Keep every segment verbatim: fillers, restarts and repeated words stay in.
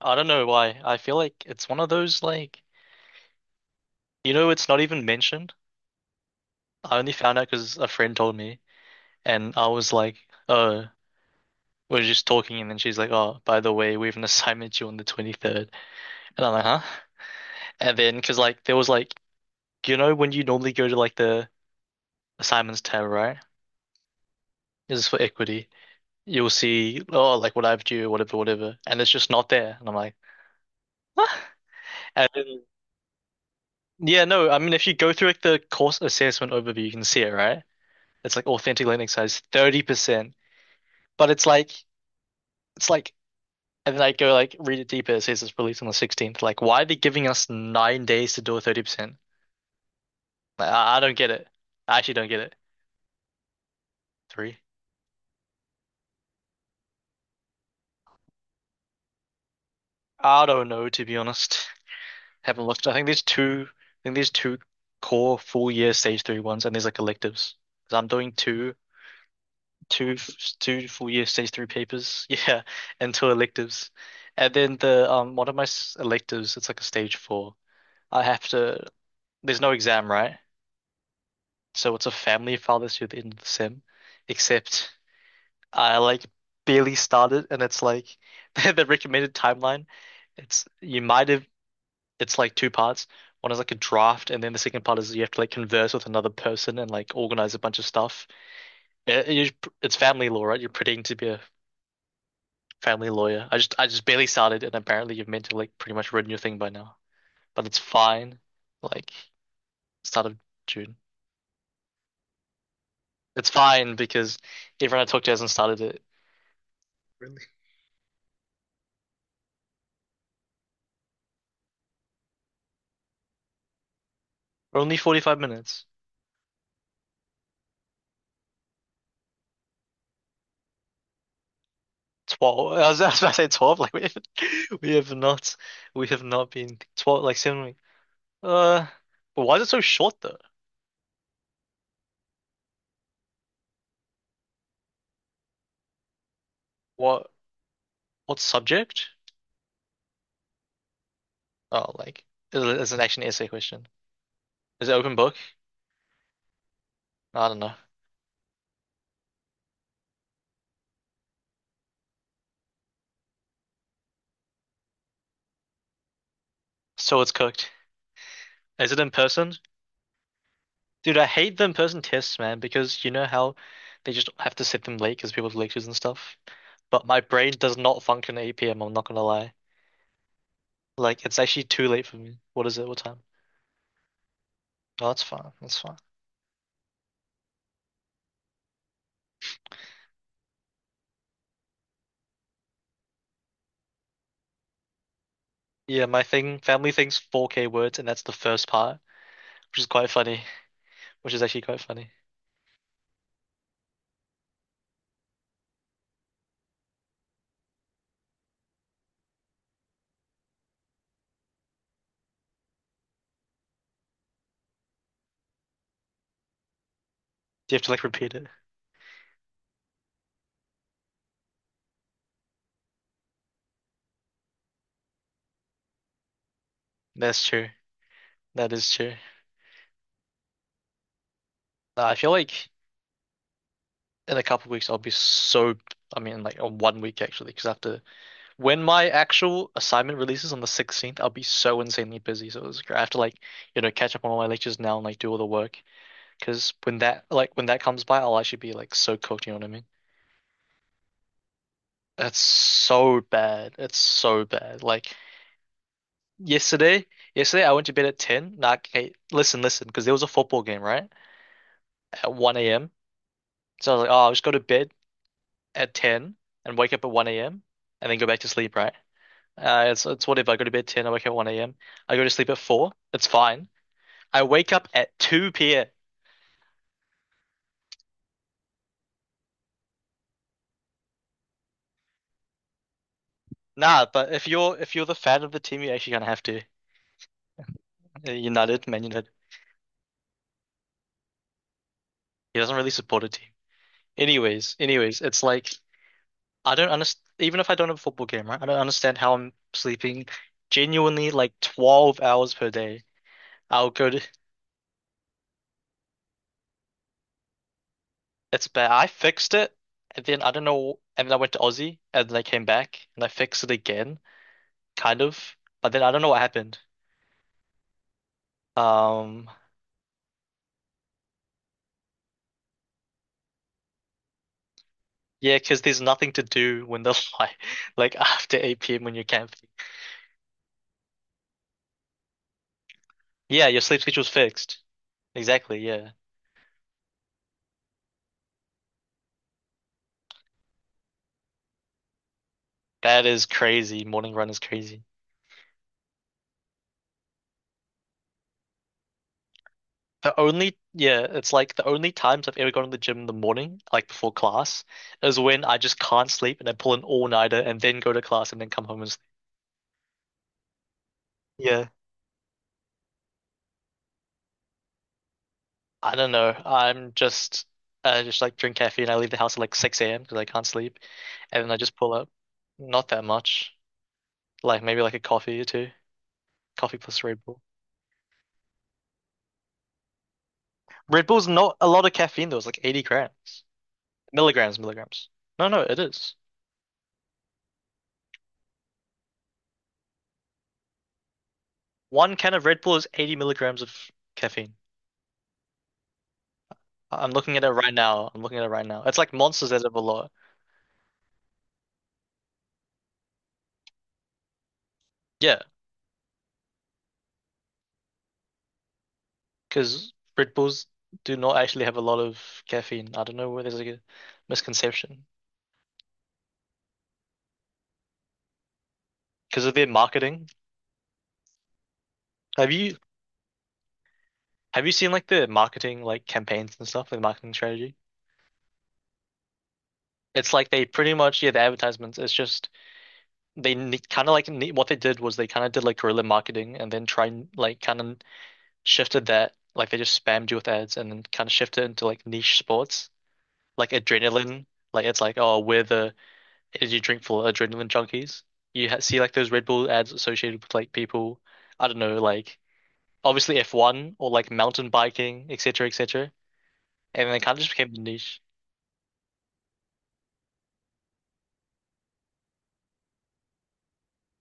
I don't know why. I feel like it's one of those like you know it's not even mentioned. I only found out because a friend told me, and I was like, "Oh, we're just talking," and then she's like, "Oh, by the way, we have an assignment due on the twenty-third," and I'm like, "Huh?" And then because like there was like you know when you normally go to like the assignments tab, right? This is for equity. You'll see oh like what I have due, whatever, whatever, and it's just not there, and I'm like, what? And then, yeah, no, I mean if you go through like the course assessment overview, you can see it, right? It's like authentic Linux has thirty percent, but it's like it's like and then I go like read it deeper. It says it's released on the sixteenth. Like, why are they giving us nine days to do a thirty percent? Like, I, I don't get it. I actually don't get it. Three. I don't know, to be honest. Haven't looked. I think there's two. I think there's two core full year stage three ones, and there's like electives. Because 'Cause I'm doing two, two, two full year stage three papers. Yeah, and two electives, and then the um one of my electives. It's like a stage four. I have to There's no exam, right? So it's a family fathers who in the sim, except I like barely started, and it's like the recommended timeline. It's you might have it's like two parts. One is like a draft, and then the second part is you have to like converse with another person and like organize a bunch of stuff. It- it- you- it's family law, right? You're pretending to be a family lawyer. I just I just barely started, and apparently you've meant to like pretty much written your thing by now, but it's fine. Like start of June. It's fine because everyone I talked to hasn't started it. Really? We're only forty-five minutes. twelve. I was, I was about to say twelve. Like we have, we have not we have not been twelve like seven weeks. Uh but why is it so short though? What what subject? Oh, like is it is it actually an essay question? Is it open book? I don't know. So it's cooked. Is it in person? Dude, I hate the in-person tests, man, because you know how they just have to set them late because people have lectures and stuff. But my brain does not function at eight p m, I'm not gonna lie. Like it's actually too late for me. What is it? What time? Oh, that's fine. That's fine. Yeah, my thing, family thing's four K words, and that's the first part, which is quite funny. Which is actually quite funny. Do you have to like repeat it? That's true. That is true. Nah, I feel like in a couple of weeks I'll be so. I mean, like on one week actually, because after when my actual assignment releases on the sixteenth, I'll be so insanely busy. So it's, I have to like, you know, catch up on all my lectures now and like do all the work. Because when that like when that comes by, I'll actually be like so cooked. You know what I mean? That's so bad. It's so bad. Like yesterday, yesterday I went to bed at ten. Nah, okay, listen, listen, because there was a football game, right? At one a m. So I was like, oh, I'll just go to bed at ten and wake up at one a m and then go back to sleep, right? Uh, it's, it's whatever. I go to bed at ten, I wake up at one a m. I go to sleep at four. It's fine. I wake up at two p m. Nah, but if you're if you're the fan of the team, you're actually gonna have to. Uh, United, Man United. He doesn't really support a team. Anyways, anyways, it's like I don't understand. Even if I don't have a football game, right? I don't understand how I'm sleeping genuinely like twelve hours per day. I'll go to, it's bad. I fixed it, and then I don't know. And then I went to Aussie, and then I came back, and I fixed it again, kind of. But then I don't know what happened. Um, yeah, because there's nothing to do when the light, like after eight p m when you're camping. Yeah, your sleep schedule's fixed. Exactly. Yeah, that is crazy. Morning run is crazy. The only, yeah, it's like the only times I've ever gone to the gym in the morning, like before class, is when I just can't sleep and I pull an all-nighter and then go to class and then come home and sleep. Yeah, I don't know. I'm just, I just like drink caffeine. I leave the house at like six a m because I can't sleep. And then I just pull up. Not that much. Like maybe like a coffee or two. Coffee plus Red Bull. Red Bull's not a lot of caffeine though. It's like eighty grams. Milligrams, milligrams. No, no, it is. One can of Red Bull is eighty milligrams of caffeine. I'm looking at it right now. I'm looking at it right now. It's like Monsters that have a lot. Yeah, because Red Bulls do not actually have a lot of caffeine. I don't know where there's like a misconception because of their marketing. Have you have you seen like the marketing like campaigns and stuff, the marketing strategy? It's like they pretty much yeah the advertisements. It's just they kind of like ne what they did was they kind of did like guerrilla marketing and then try and like kind of shifted that like they just spammed you with ads and then kind of shifted into like niche sports like adrenaline. Like it's like oh we're the Did you drink for adrenaline junkies? You ha See like those Red Bull ads associated with like people, I don't know, like obviously F one or like mountain biking, et cetera, et cetera. And then it kind of just became the niche.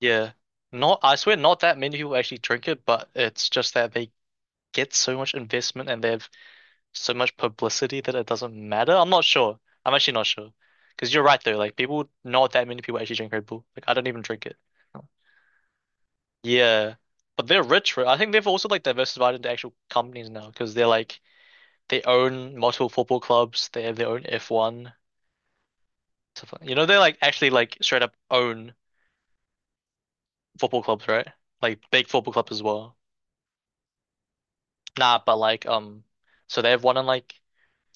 Yeah. Not, I swear, not that many people actually drink it, but it's just that they get so much investment and they have so much publicity that it doesn't matter. I'm not sure. I'm actually not sure. Because you're right though, like people, not that many people actually drink Red Bull. Like I don't even drink it. Yeah, but they're rich, right? I think they've also like diversified into actual companies now because they're like they own multiple football clubs. They have their own F one stuff like- you know, they like actually like straight up own football clubs, right? Like big football clubs as well. Nah, but like um, so they have one in like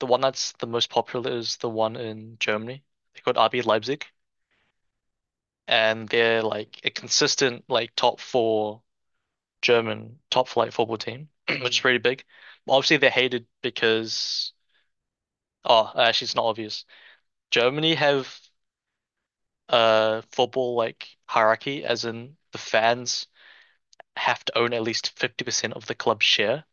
the one that's the most popular is the one in Germany. They're called R B Leipzig, and they're like a consistent like top four German top flight football team, which is pretty big. Obviously, they're hated because. Oh, uh, actually, it's not obvious. Germany have a football like hierarchy, as in the fans have to own at least fifty percent of the club share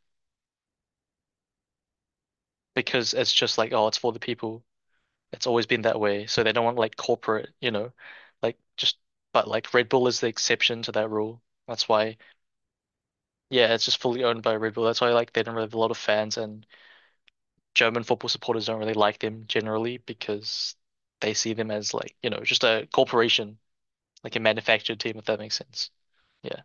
because it's just like, oh, it's for the people. It's always been that way. So they don't want like corporate, you know, like just, but like Red Bull is the exception to that rule. That's why, yeah, it's just fully owned by Red Bull. That's why like they don't really have a lot of fans and German football supporters don't really like them generally because they see them as like, you know, just a corporation like a manufactured team, if that makes sense. Yeah.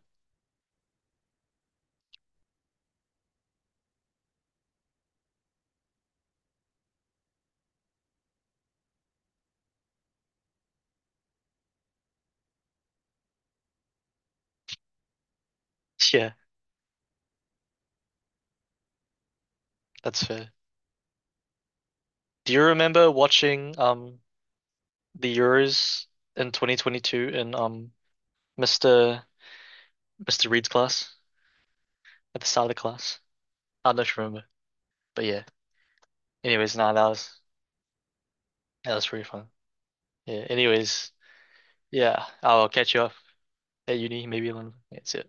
Yeah, that's fair. Do you remember watching um the Euros in twenty twenty-two in um Mister Mister Reed's class at the start of the class? I don't know if you remember, but yeah. Anyways, nah, that was that was pretty fun. Yeah. Anyways, yeah, I'll catch you up at uni maybe one. Yeah, see ya.